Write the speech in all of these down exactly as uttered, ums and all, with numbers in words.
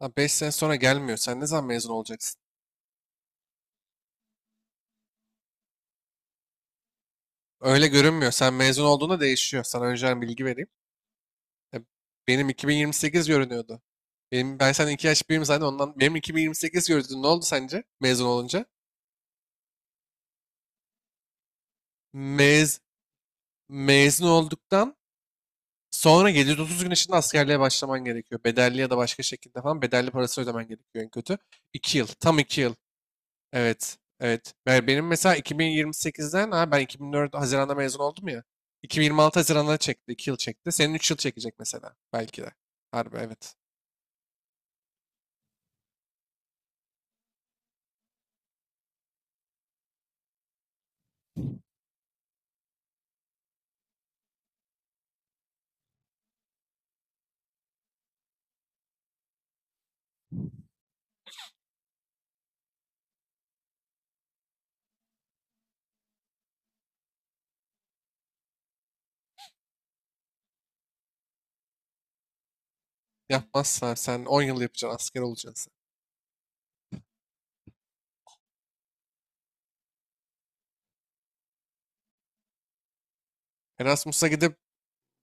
Ha, beş sene sonra gelmiyor. Sen ne zaman mezun olacaksın? Öyle görünmüyor. Sen mezun olduğunda değişiyor. Sana önceden bilgi vereyim. Ya, benim iki bin yirmi sekiz görünüyordu. Benim, ben sen iki yaş büyüğüm zaten ondan. Benim iki bin yirmi sekiz göründü. Ne oldu sence mezun olunca? Mez, mezun olduktan sonra yedi yüz otuz gün içinde askerliğe başlaman gerekiyor. Bedelli ya da başka şekilde falan bedelli parası ödemen gerekiyor en kötü. iki yıl. Tam iki yıl. Evet. Evet. Ve benim mesela iki bin yirmi sekizden ha ben iki bin dört Haziran'da mezun oldum ya. iki bin yirmi altı Haziran'da çekti. iki yıl çekti. Senin üç yıl çekecek mesela. Belki de. Harbi evet. Yapmazsan sen on yıl yapacaksın. Asker olacaksın. Erasmus'a gidip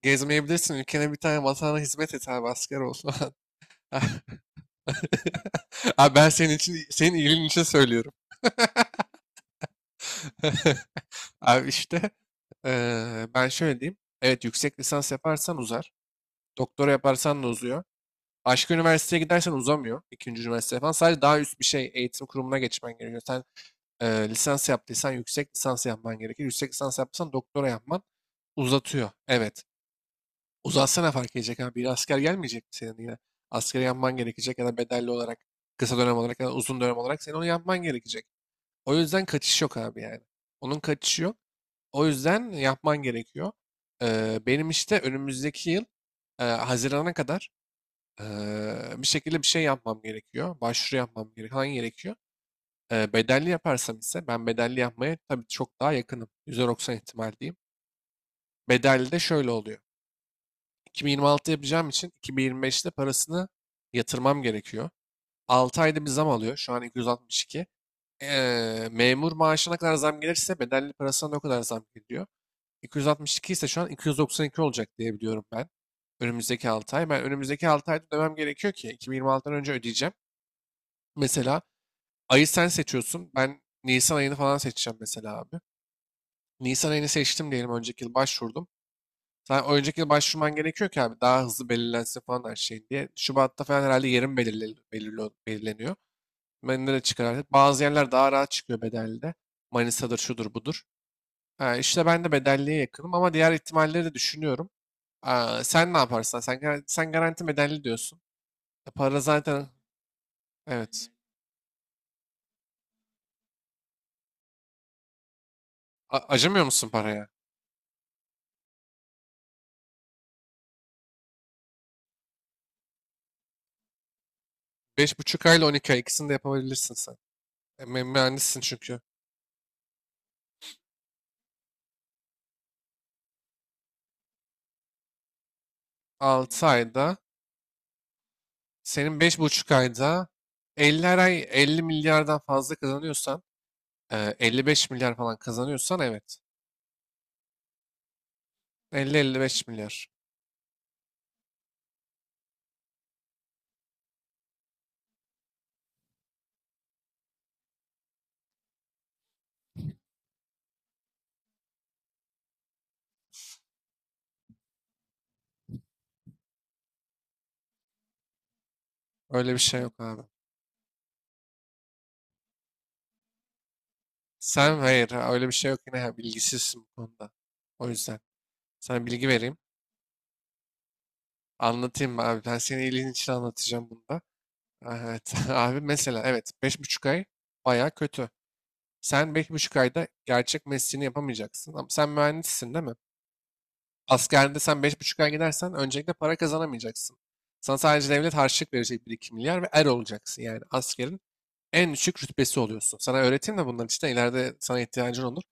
gezmeyebilirsin. Ülkene bir tane vatana hizmet et abi. Asker ol falan. Abi ben senin için, senin iyiliğin için söylüyorum. Abi işte eee, ben şöyle diyeyim. Evet yüksek lisans yaparsan uzar. Doktora yaparsan da uzuyor. Başka üniversiteye gidersen uzamıyor. İkinci üniversite falan. Sadece daha üst bir şey eğitim kurumuna geçmen gerekiyor. Sen e, lisans yaptıysan yüksek lisans yapman gerekir. Yüksek lisans yaptıysan doktora yapman uzatıyor. Evet. Uzatsa ne fark edecek abi? Bir asker gelmeyecek mi senin yine? Askeri yapman gerekecek ya da bedelli olarak, kısa dönem olarak ya da uzun dönem olarak senin onu yapman gerekecek. O yüzden kaçış yok abi yani. Onun kaçışı yok. O yüzden yapman gerekiyor. Ee, benim işte önümüzdeki yıl e, Haziran'a kadar Eee, bir şekilde bir şey yapmam gerekiyor. Başvuru yapmam gerekiyor. Hangi gerekiyor? Eee, bedelli yaparsam ise ben bedelli yapmaya tabii çok daha yakınım. Yüzde doksan ihtimal diyeyim. Bedelli de şöyle oluyor. iki bin yirmi altı yapacağım için iki bin yirmi beşte parasını yatırmam gerekiyor. Altı ayda bir zam alıyor. Şu an iki yüz altmış iki. Eee, memur maaşına kadar zam gelirse bedelli parasına da o kadar zam geliyor. iki yüz altmış iki ise şu an iki yüz doksan iki olacak diye biliyorum ben. Önümüzdeki altı ay. Ben önümüzdeki altı ayda ödemem gerekiyor ki iki bin yirmi altıdan önce ödeyeceğim. Mesela ayı sen seçiyorsun. Ben Nisan ayını falan seçeceğim mesela abi. Nisan ayını seçtim diyelim önceki yıl başvurdum. Sen o önceki yıl başvurman gerekiyor ki abi daha hızlı belirlensin falan her şey diye. Şubat'ta falan herhalde yerim belirli, belirli- belirleniyor. Ben de çıkar artık. Bazı yerler daha rahat çıkıyor bedelde. Manisa'dır şudur budur. Ha, işte ben de bedelliye yakınım ama diğer ihtimalleri de düşünüyorum. Aa, sen ne yaparsan sen, gar- sen garanti bedelli diyorsun. E, Para zaten evet. A- acımıyor musun paraya? Beş buçuk ay ile on iki ay ikisini de yapabilirsin sen. E, mü- mühendissin çünkü. Altı ayda, senin beş buçuk ayda elli, her ay elli milyardan fazla kazanıyorsan, e, elli beş milyar falan kazanıyorsan evet. Elli elli beş milyar. Öyle bir şey yok abi. Sen hayır, ha, öyle bir şey yok yine ha, bilgisizsin bu konuda. O yüzden sana bilgi vereyim. Anlatayım mı abi? Ben senin iyiliğin için anlatacağım bunda. Evet, abi mesela evet beş buçuk ay baya kötü. Sen beş buçuk ayda gerçek mesleğini yapamayacaksın. Ama sen mühendissin değil mi? Askerinde sen beş buçuk ay gidersen öncelikle para kazanamayacaksın. Sana sadece devlet harçlık verecek bir iki milyar ve er olacaksın. Yani askerin en düşük rütbesi oluyorsun. Sana öğreteyim de bunların için de ileride sana ihtiyacın olur.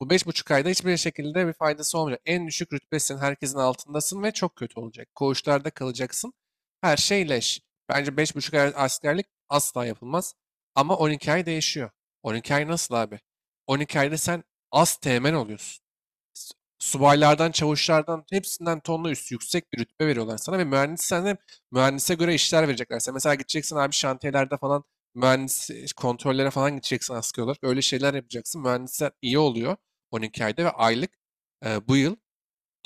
Bu beş buçuk ayda hiçbir şekilde bir faydası olmayacak. En düşük rütbesin, herkesin altındasın ve çok kötü olacak. Koğuşlarda kalacaksın. Her şey leş. Bence beş buçuk ay askerlik asla yapılmaz. Ama on iki ay değişiyor. On iki ay nasıl abi? On iki ayda sen az teğmen oluyorsun. Subaylardan, çavuşlardan hepsinden tonla üstü yüksek bir rütbe veriyorlar sana ve mühendissen de mühendise göre işler verecekler. Sen mesela gideceksin abi şantiyelerde falan mühendis e, kontrollere falan gideceksin askeri olarak. Öyle şeyler yapacaksın. Mühendisler iyi oluyor on iki ayda ve aylık e, bu yıl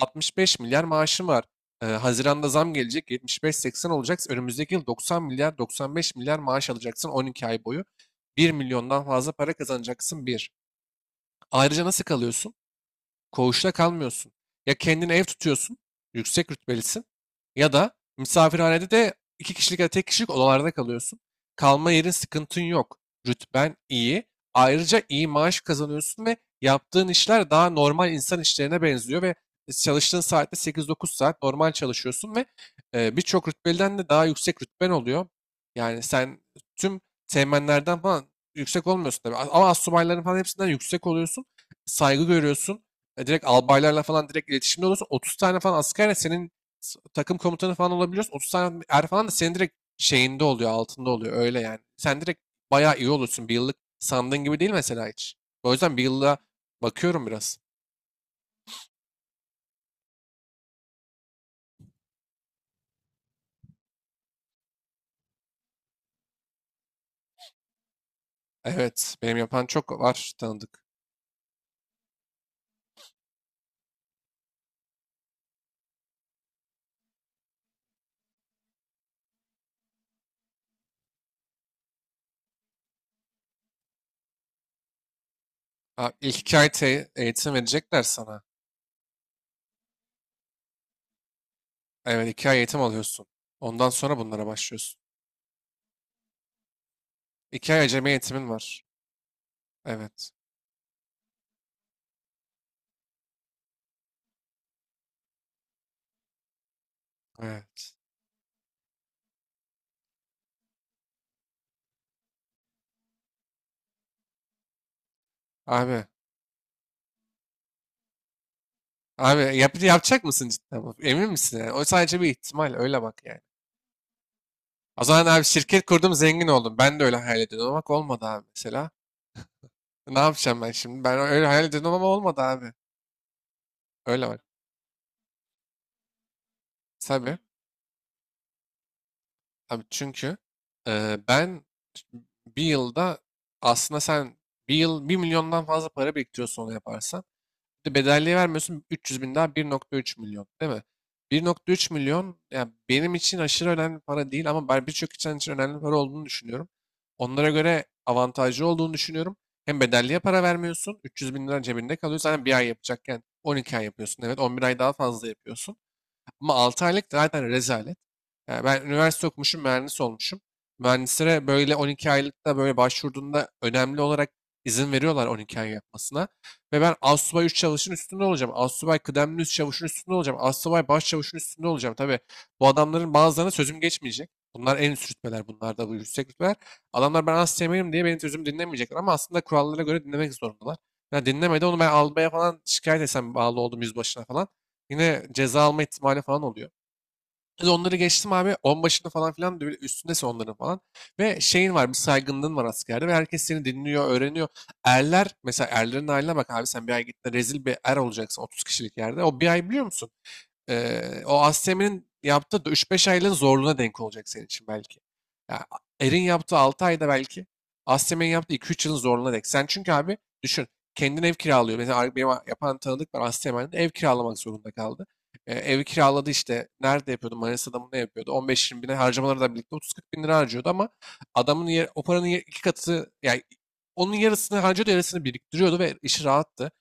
altmış beş milyar maaşım var. E, Haziran'da zam gelecek yetmiş beş seksen olacak. Önümüzdeki yıl doksan milyar doksan beş milyar maaş alacaksın on iki ay boyu. Bir milyondan fazla para kazanacaksın bir. Ayrıca nasıl kalıyorsun? Koğuşta kalmıyorsun. Ya kendine ev tutuyorsun, yüksek rütbelisin ya da misafirhanede de iki kişilik ya da tek kişilik odalarda kalıyorsun. Kalma yerin sıkıntın yok. Rütben iyi. Ayrıca iyi maaş kazanıyorsun ve yaptığın işler daha normal insan işlerine benziyor ve çalıştığın saatte sekiz dokuz saat normal çalışıyorsun ve e, birçok rütbeliden de daha yüksek rütben oluyor. Yani sen tüm teğmenlerden falan yüksek olmuyorsun tabii. Ama astsubayların falan hepsinden yüksek oluyorsun. Saygı görüyorsun. E, direkt albaylarla falan direkt iletişimde olursun. otuz tane falan askerle senin s- takım komutanı falan olabiliyorsun. otuz tane er falan da senin direkt şeyinde oluyor, altında oluyor. Öyle yani. Sen direkt bayağı iyi olursun. Bir yıllık sandığın gibi değil mesela hiç. O yüzden bir yılda bakıyorum biraz. Evet, benim yapan çok var tanıdık. Ha, ilk iki ay te- eğitim verecekler sana. Evet, iki ay eğitim alıyorsun. Ondan sonra bunlara başlıyorsun. İki ay acemi eğitimin var. Evet. Evet. Abi Abi yap, yapacak mısın cidden? Bu? Emin misin yani? O sadece bir ihtimal. Öyle bak yani. O zaman abi şirket kurdum zengin oldum. Ben de öyle hayal ediyordum ama bak olmadı abi mesela. Ne yapacağım ben şimdi? Ben öyle hayal ediyordum ama olmadı abi. Öyle bak. Tabii. Abi çünkü e, ben bir yılda aslında sen bir yıl bir milyondan fazla para biriktiriyorsun onu yaparsan. Bir de bedelliği vermiyorsun üç yüz bin daha bir nokta üç milyon değil mi? bir nokta üç milyon yani benim için aşırı önemli para değil ama ben birçok insan için önemli para olduğunu düşünüyorum. Onlara göre avantajlı olduğunu düşünüyorum. Hem bedelliğe para vermiyorsun üç yüz bin lira cebinde kalıyor. Zaten bir ay yapacakken on iki ay yapıyorsun, evet on bir ay daha fazla yapıyorsun. Ama altı aylık zaten rezalet. Yani ben üniversite okumuşum, mühendis olmuşum. Mühendislere böyle on iki aylıkta böyle başvurduğunda önemli olarak izin veriyorlar on iki ay yapmasına. Ve ben astsubay üç çavuşun üstünde olacağım. Astsubay kıdemli üst çavuşun üstünde olacağım. Astsubay baş çavuşun üstünde olacağım. Tabii bu adamların bazılarına sözüm geçmeyecek. Bunlar en üst rütbeler. Bunlar da bu yüksek rütbeler. Adamlar ben asteğmenim diye benim sözümü dinlemeyecekler. Ama aslında kurallara göre dinlemek zorundalar. Ya dinlemedi onu ben albaya falan şikayet etsem bağlı oldum yüzbaşına falan. Yine ceza alma ihtimali falan oluyor. Biz onları geçtim abi. On başında falan filan da böyle üstündesin onların falan. Ve şeyin var, bir saygınlığın var askerde ve herkes seni dinliyor, öğreniyor. Erler mesela erlerin haline bak abi sen bir ay gittin rezil bir er olacaksın otuz kişilik yerde. O bir ay biliyor musun? Eee, o ASTEM'in yaptığı üç beş aylığın zorluğuna denk olacak senin için belki. Ya, Er'in yaptığı altı ayda belki ASTEM'in yaptığı iki üç yılın zorluğuna denk. Sen çünkü abi düşün kendin ev kiralıyor. Mesela ar- benim yapan tanıdık var ASTEM'de ev kiralamak zorunda kaldı. Eee, ev kiraladı işte nerede yapıyordu, Manisa'da mı ne yapıyordu on beş yirmi bine, harcamalarla birlikte otuz kırk bin lira harcıyordu ama adamın yer, o paranın yer- iki katı yani onun yarısını harcıyordu yarısını biriktiriyordu ve işi rahattı.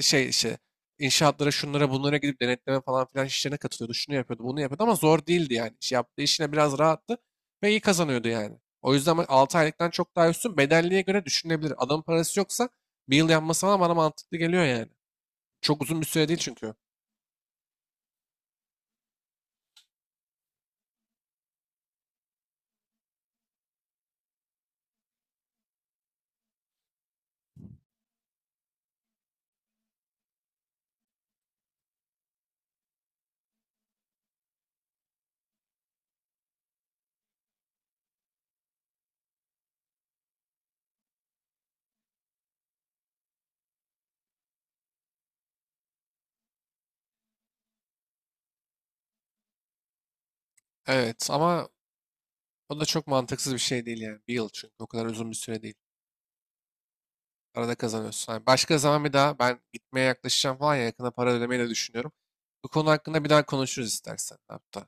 Şey işte, İnşaatlara şunlara bunlara gidip denetleme falan filan işlerine katılıyordu. Şunu yapıyordu, bunu yapıyordu ama zor değildi yani. İş yaptığı işine biraz rahattı ve iyi kazanıyordu yani. O yüzden ben altı aylıktan çok daha üstün bedelliğe göre düşünülebilir. Adamın parası yoksa bir yıl yapması falan bana mantıklı geliyor yani. Çok uzun bir süre değil çünkü. Evet ama o da çok mantıksız bir şey değil yani. Bir yıl çünkü o kadar uzun bir süre değil. Arada kazanıyorsun. Yani başka zaman bir daha ben gitmeye yaklaşacağım falan ya yakında para ödemeyi de düşünüyorum. Bu konu hakkında bir daha konuşuruz istersen hatta.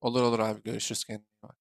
Olur olur abi görüşürüz, kendine iyi bak.